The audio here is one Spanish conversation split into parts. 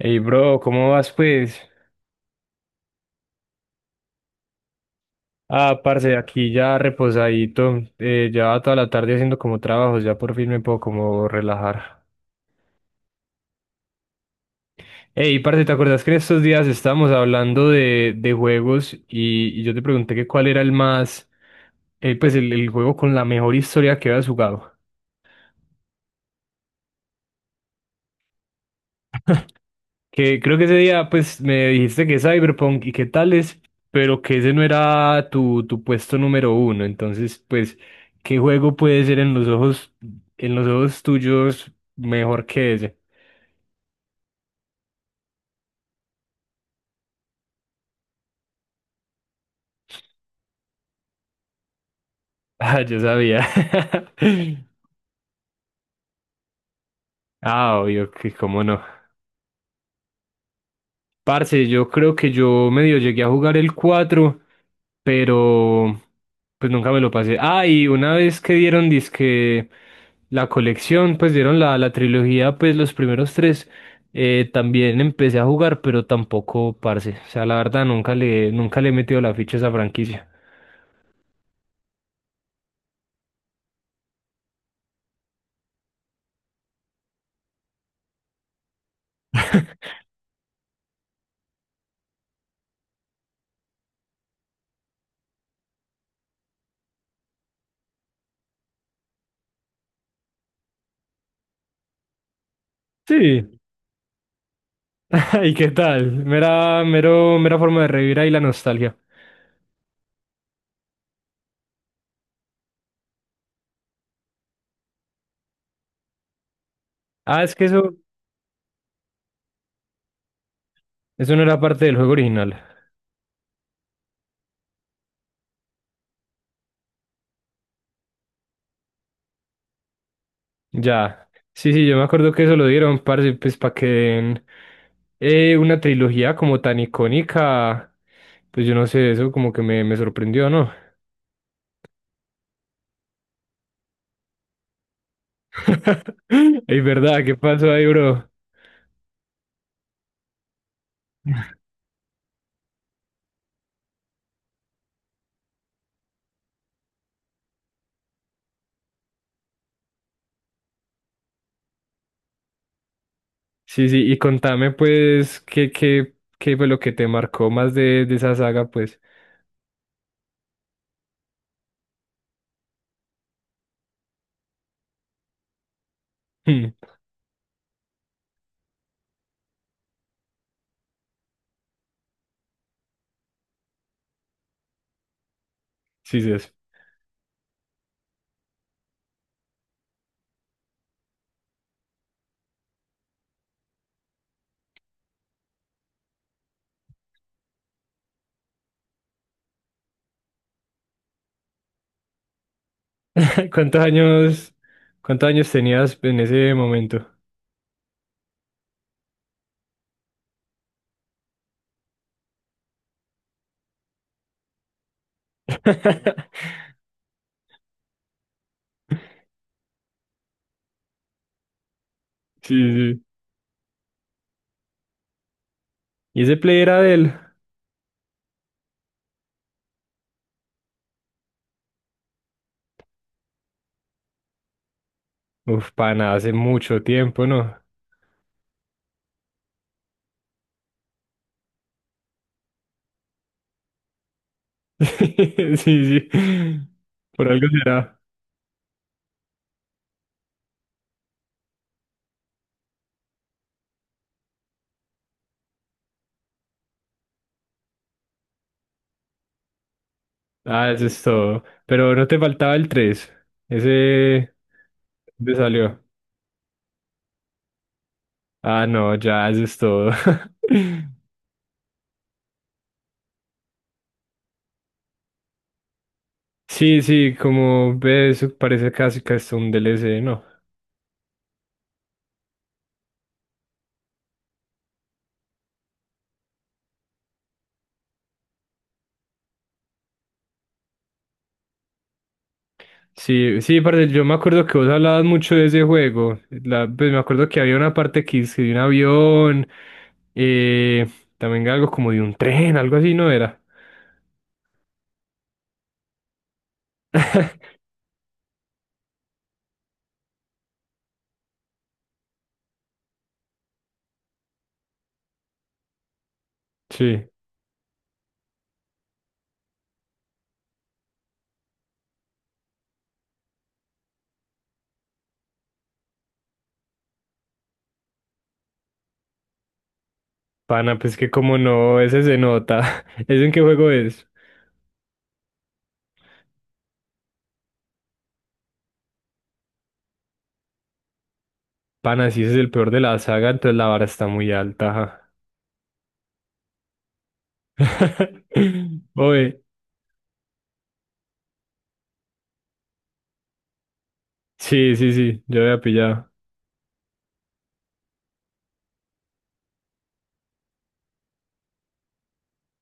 Hey, bro, ¿cómo vas, pues? Ah, parce, aquí ya reposadito, ya toda la tarde haciendo como trabajos, ya por fin me puedo como relajar. Hey, parce, ¿te acuerdas que en estos días estábamos hablando de juegos y yo te pregunté que cuál era el más, el juego con la mejor historia que habías jugado? Que creo que ese día, pues, me dijiste que Cyberpunk y qué tales, pero que ese no era tu puesto número uno. Entonces, pues, ¿qué juego puede ser en los ojos tuyos mejor que ese? Ah, yo sabía. Ah, obvio que cómo no. Parce, yo creo que yo medio llegué a jugar el 4, pero pues nunca me lo pasé. Ah, y una vez que dieron disque la colección, pues dieron la trilogía, pues los primeros tres, también empecé a jugar, pero tampoco, parce. O sea, la verdad nunca le he metido la ficha a esa franquicia. Sí, ¿y qué tal? Mera forma de revivir ahí la nostalgia. Ah, es que eso no era parte del juego original. Ya, sí, sí, yo me acuerdo que eso lo dieron, parce, pues para que den una trilogía como tan icónica, pues yo no sé, eso como que me sorprendió, ¿no? Es verdad, ¿qué pasó ahí, bro? Sí, sí, y contame pues qué fue lo que te marcó más de esa saga, pues. Hmm. Sí, sí, es. ¿Cuántos años, cuántos años tenías en ese momento? Sí, sí. ¿Y ese play era de él? Uf, pana, hace mucho tiempo, ¿no? Sí, sí. Por algo será. Ah, eso es todo. Pero no te faltaba el tres. Ese te salió. Ah, no, ya, eso es todo. Sí, sí, como ves, parece casi que es un DLC, ¿no? Sí, sí, parce, yo me acuerdo que vos hablabas mucho de ese juego. La- pues me acuerdo que había una parte que es que de un avión, eh, también algo como de un tren, algo así, ¿no era? Sí. Pana, pues que como no, ese se nota. ¿Es en qué juego es? Pana, si ese es el peor de la saga, entonces la vara está muy alta. Ajá. Oye, sí, sí, sí, yo había pillado.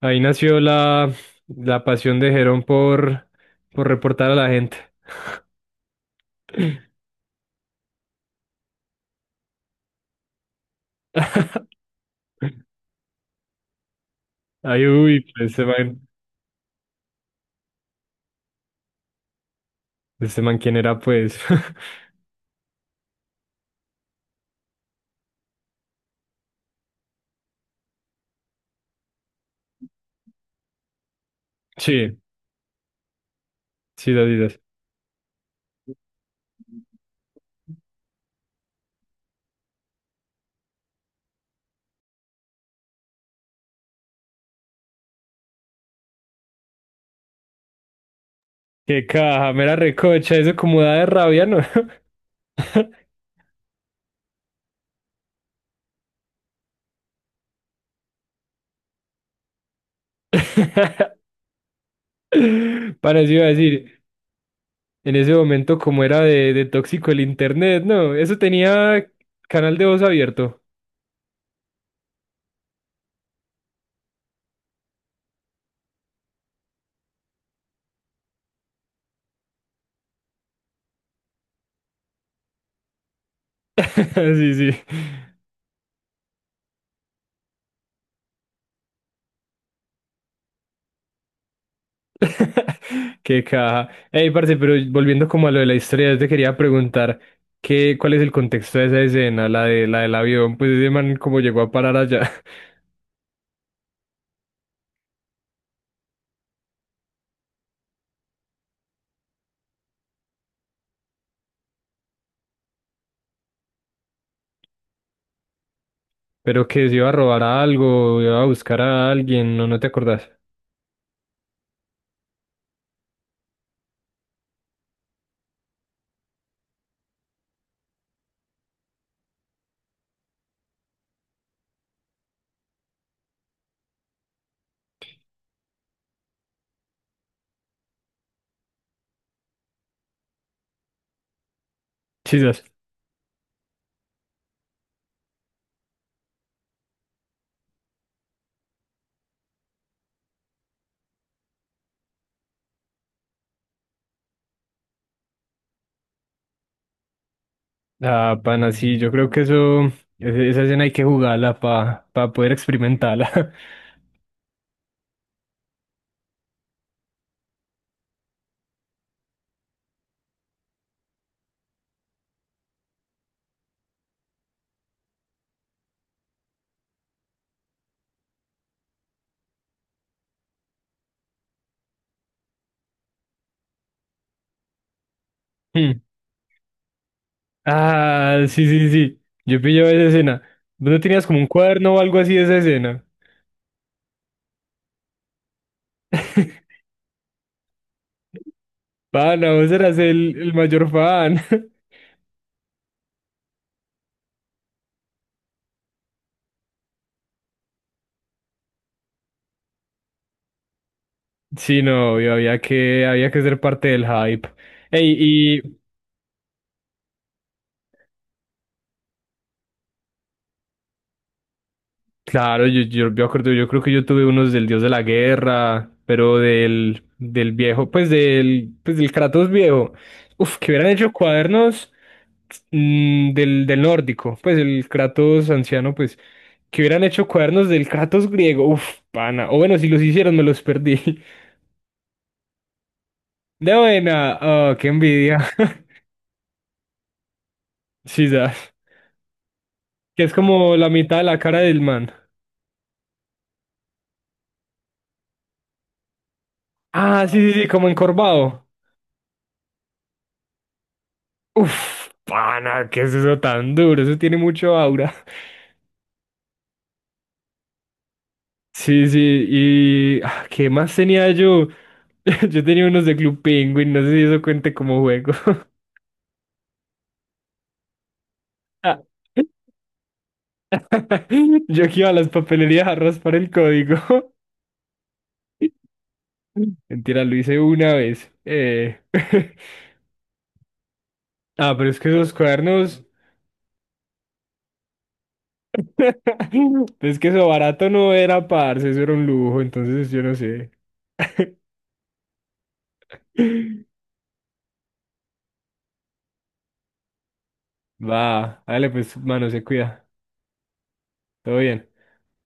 Ahí nació la pasión de Jerón por reportar a la gente. Ay, uy, pues, este man, ¿quién era, pues? Sí, sí, lo dices. Qué caja, mera recocha, eso como da de rabia, ¿no? Para eso iba a decir, en ese momento, como era de tóxico el internet, no, eso tenía canal de voz abierto. Sí, sí. Qué caja. Ey, parce, pero volviendo como a lo de la historia, yo te quería preguntar qué, ¿cuál es el contexto de esa escena, la de la del avión, pues ese man como llegó a parar allá, pero que se iba a robar algo, iba a buscar a alguien, no, no te acordás? Chisas. Ah, pana, sí, yo creo que eso, esa escena hay que jugarla para poder experimentarla. Ah, sí, sí, sí. Yo pillo esa escena. ¿Vos no tenías como un cuaderno o algo así de esa escena? Pana, vos eras el mayor fan. Sí, no, obvio, había que ser parte del hype. Ey, claro, yo me acuerdo, yo creo que yo tuve unos del dios de la guerra, pero del viejo, pues del Kratos viejo. Uf, que hubieran hecho cuadernos mm, del nórdico, pues el Kratos anciano, pues, que hubieran hecho cuadernos del Kratos griego. Uf, pana. O bueno, si los hicieron, me los perdí. De buena, oh, qué envidia. Sí. Que es como la mitad de la cara del man. Ah, sí, sí, sí, como encorvado. Uf, pana, ¿qué es eso tan duro? Eso tiene mucho aura. Sí, sí, y ah, ¿qué más tenía yo? Yo tenía unos de Club Penguin, no sé si eso cuente como juego. Ah, yo que iba a las papelerías a raspar el código. Mentira, lo hice una vez. Ah, pero es que esos cuadernos. Es que eso barato no era, parce, eso era un lujo, entonces yo no sé. Va, dale, pues, mano, se cuida. Todo bien.